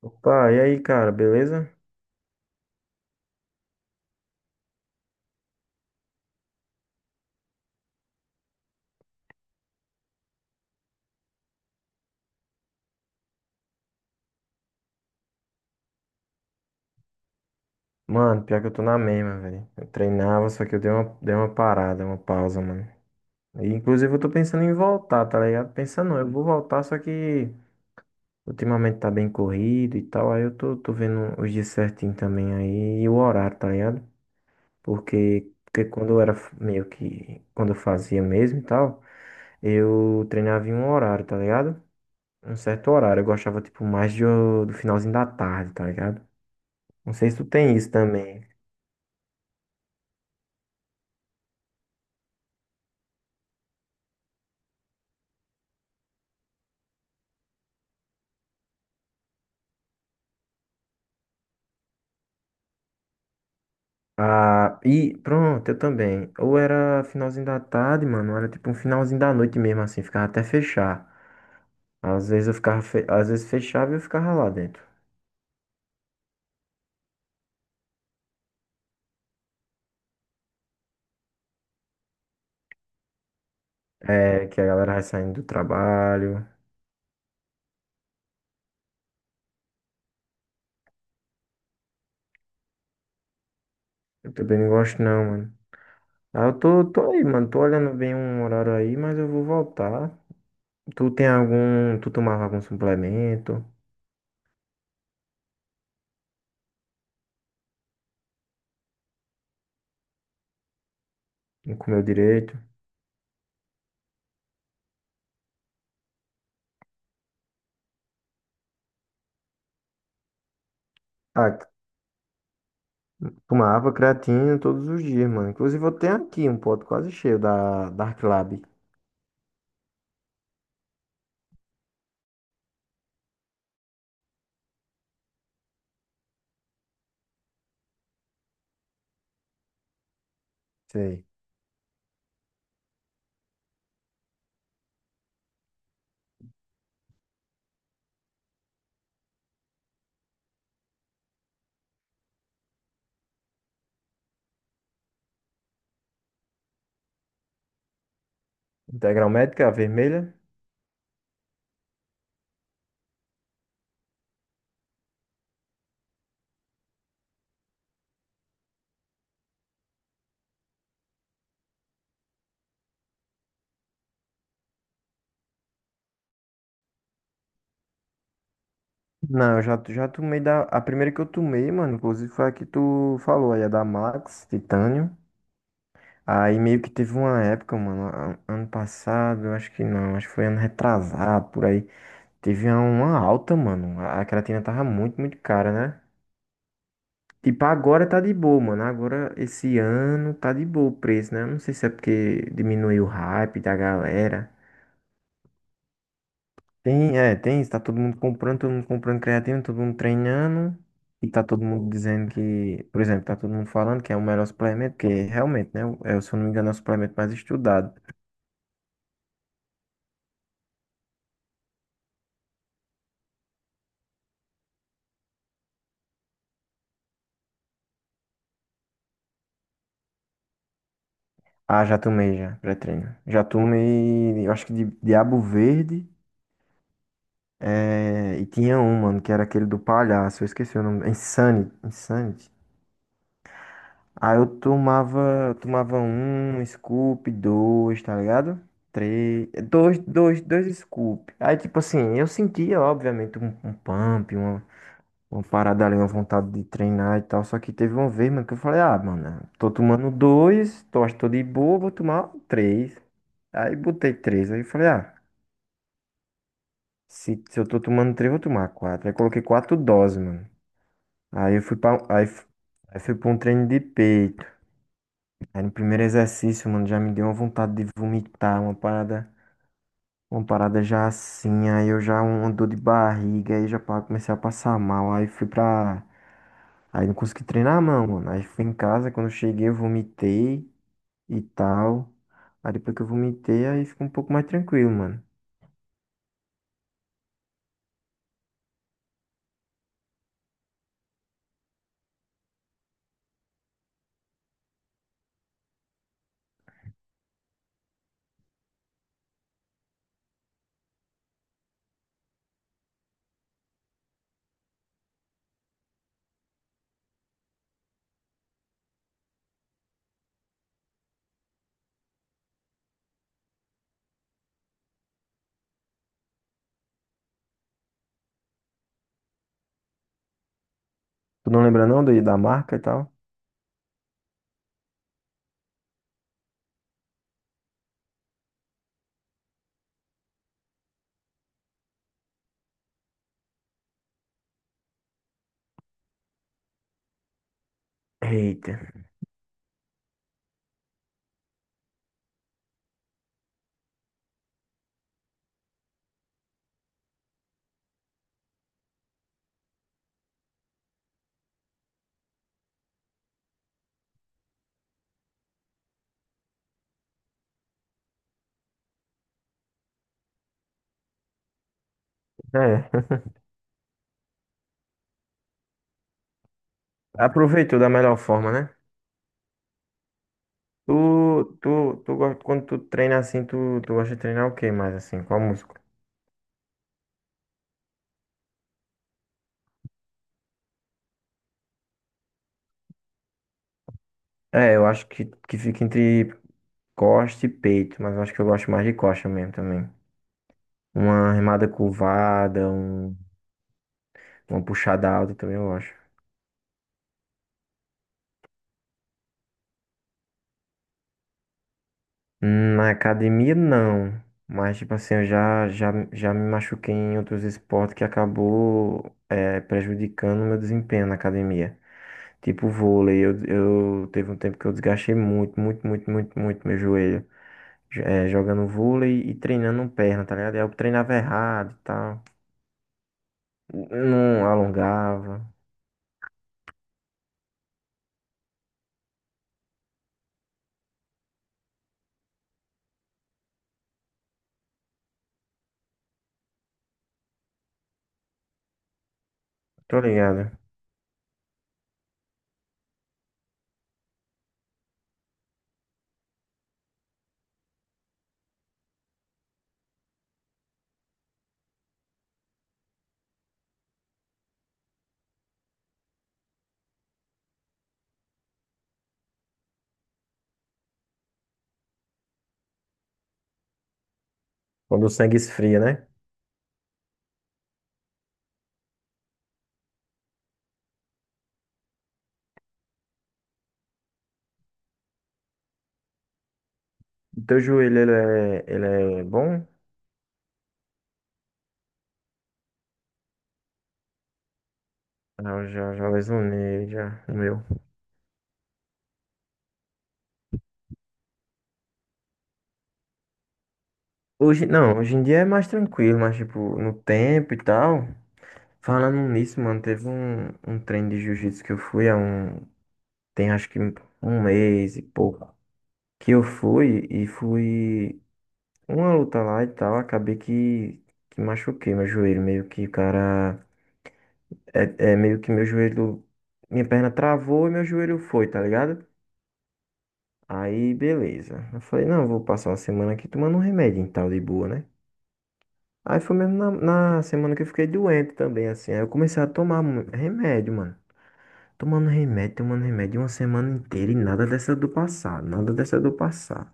Opa, e aí, cara, beleza? Mano, pior que eu tô na mesma, velho. Eu treinava, só que eu dei uma parada, uma pausa, mano. E, inclusive, eu tô pensando em voltar, tá ligado? Pensando, não, eu vou voltar, só que ultimamente tá bem corrido e tal. Aí eu tô vendo os dias certinho também aí e o horário, tá ligado? Porque quando eu era meio que. Quando eu fazia mesmo e tal, eu treinava em um horário, tá ligado? Um certo horário. Eu gostava, tipo, mais do finalzinho da tarde, tá ligado? Não sei se tu tem isso também. Ah, e pronto, eu também. Ou era finalzinho da tarde, mano, ou era tipo um finalzinho da noite mesmo, assim, ficava até fechar. Às vezes eu ficava, às vezes fechava e eu ficava lá dentro. É, que a galera vai saindo do trabalho. Eu também não gosto não, mano. Ah, eu tô aí, mano, tô olhando bem um horário aí, mas eu vou voltar. Tu tomava algum suplemento? Não comeu direito? Ah, tomava creatina todos os dias, mano. Inclusive eu tenho aqui um pote quase cheio da Dark Lab. Sei. Integral médica, a vermelha? Não, eu já tomei da. A primeira que eu tomei, mano, inclusive foi a que tu falou aí, a da Max, Titânio. Aí meio que teve uma época, mano, ano passado, eu acho que não, acho que foi ano retrasado, por aí. Teve uma alta, mano. A creatina tava muito, muito cara, né? Tipo, agora tá de boa, mano. Agora, esse ano, tá de boa o preço, né? Eu não sei se é porque diminuiu o hype da galera. Tem, é, tem, está todo mundo comprando creatina, todo mundo treinando, e tá todo mundo dizendo que, por exemplo, tá todo mundo falando que é o melhor suplemento, porque realmente, né, é, se eu não me engano, é o suplemento mais estudado. Ah, já tomei já, pré-treino. Já tomei, eu acho que de Diabo Verde, é, e tinha um, mano, que era aquele do palhaço, eu esqueci o nome, Insanity, Insanity. Aí eu tomava um scoop, dois, tá ligado? Três, dois, dois, dois scoop. Aí, tipo assim, eu sentia, obviamente, um pump, uma parada ali, uma vontade de treinar e tal. Só que teve uma vez, mano, que eu falei, ah, mano, tô tomando dois, tô, acho que tô de boa, vou tomar três. Aí botei três. Aí eu falei, ah, se eu tô tomando três, vou tomar quatro. Aí coloquei quatro doses, mano. Aí eu fui pra, aí, f- aí fui pra um treino de peito. Aí no primeiro exercício, mano, já me deu uma vontade de vomitar, uma parada já assim, aí eu já uma dor de barriga, aí já comecei a passar mal, aí fui pra. Aí não consegui treinar não, mano. Aí fui em casa, quando eu cheguei eu vomitei e tal. Aí depois que eu vomitei, aí ficou um pouco mais tranquilo, mano. Tu não lembra não da marca e tal? Eita. É. Aproveitou da melhor forma, né? Quando tu treina assim, tu gosta de treinar o que mais assim? Qual música? É, eu acho que fica entre costa e peito, mas eu acho que eu gosto mais de costa mesmo também. Uma remada curvada, uma puxada alta também eu gosto. Na academia, não. Mas, tipo assim, eu já me machuquei em outros esportes que acabou é, prejudicando o meu desempenho na academia. Tipo vôlei, eu teve um tempo que eu desgastei muito, muito, muito, muito, muito meu joelho. É, jogando vôlei e treinando perna, tá ligado? Aí eu treinava errado e tal. Não alongava. Tô ligado. Quando o sangue esfria, né? O teu joelho, ele é bom? Não, eu já lesionei, já, o meu. Hoje, não, hoje em dia é mais tranquilo, mas, tipo, no tempo e tal. Falando nisso, mano, teve um treino de jiu-jitsu que eu fui há um, tem acho que um mês e pouco. Que eu fui e fui uma luta lá e tal, acabei que, machuquei meu joelho, meio que o cara É, é meio que meu joelho, minha perna travou e meu joelho foi, tá ligado? Aí, beleza. Eu falei, não, eu vou passar uma semana aqui tomando um remédio e tal, de boa, né? Aí foi mesmo na semana que eu fiquei doente também, assim. Aí eu comecei a tomar remédio, mano. Tomando remédio uma semana inteira e nada dessa do passar, nada dessa do passar.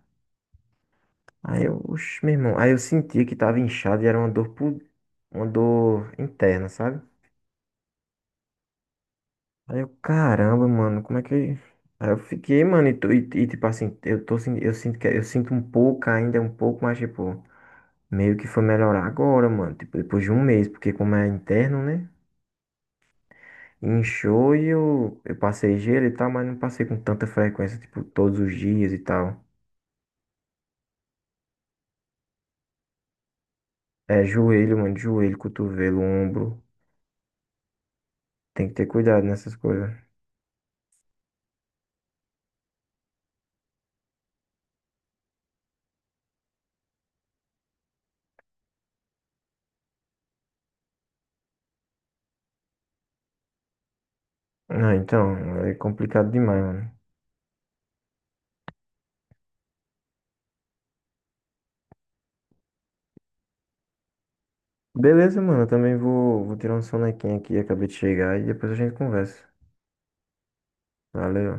Aí eu, oxe, meu irmão, aí eu sentia que tava inchado e era uma dor interna, sabe? Aí eu, caramba, mano, como é que. Aí eu fiquei, mano, e, tipo assim, eu sinto que eu sinto um pouco ainda, um pouco, mas tipo, meio que foi melhorar agora, mano. Tipo, depois de um mês, porque como é interno, né? Inchou e eu passei gelo e tal, mas não passei com tanta frequência, tipo, todos os dias e tal. É joelho, mano, joelho, cotovelo, ombro. Tem que ter cuidado nessas coisas. Ah, então, é complicado demais, mano. Beleza, mano, eu também vou tirar um sonequinho aqui, acabei de chegar e depois a gente conversa. Valeu.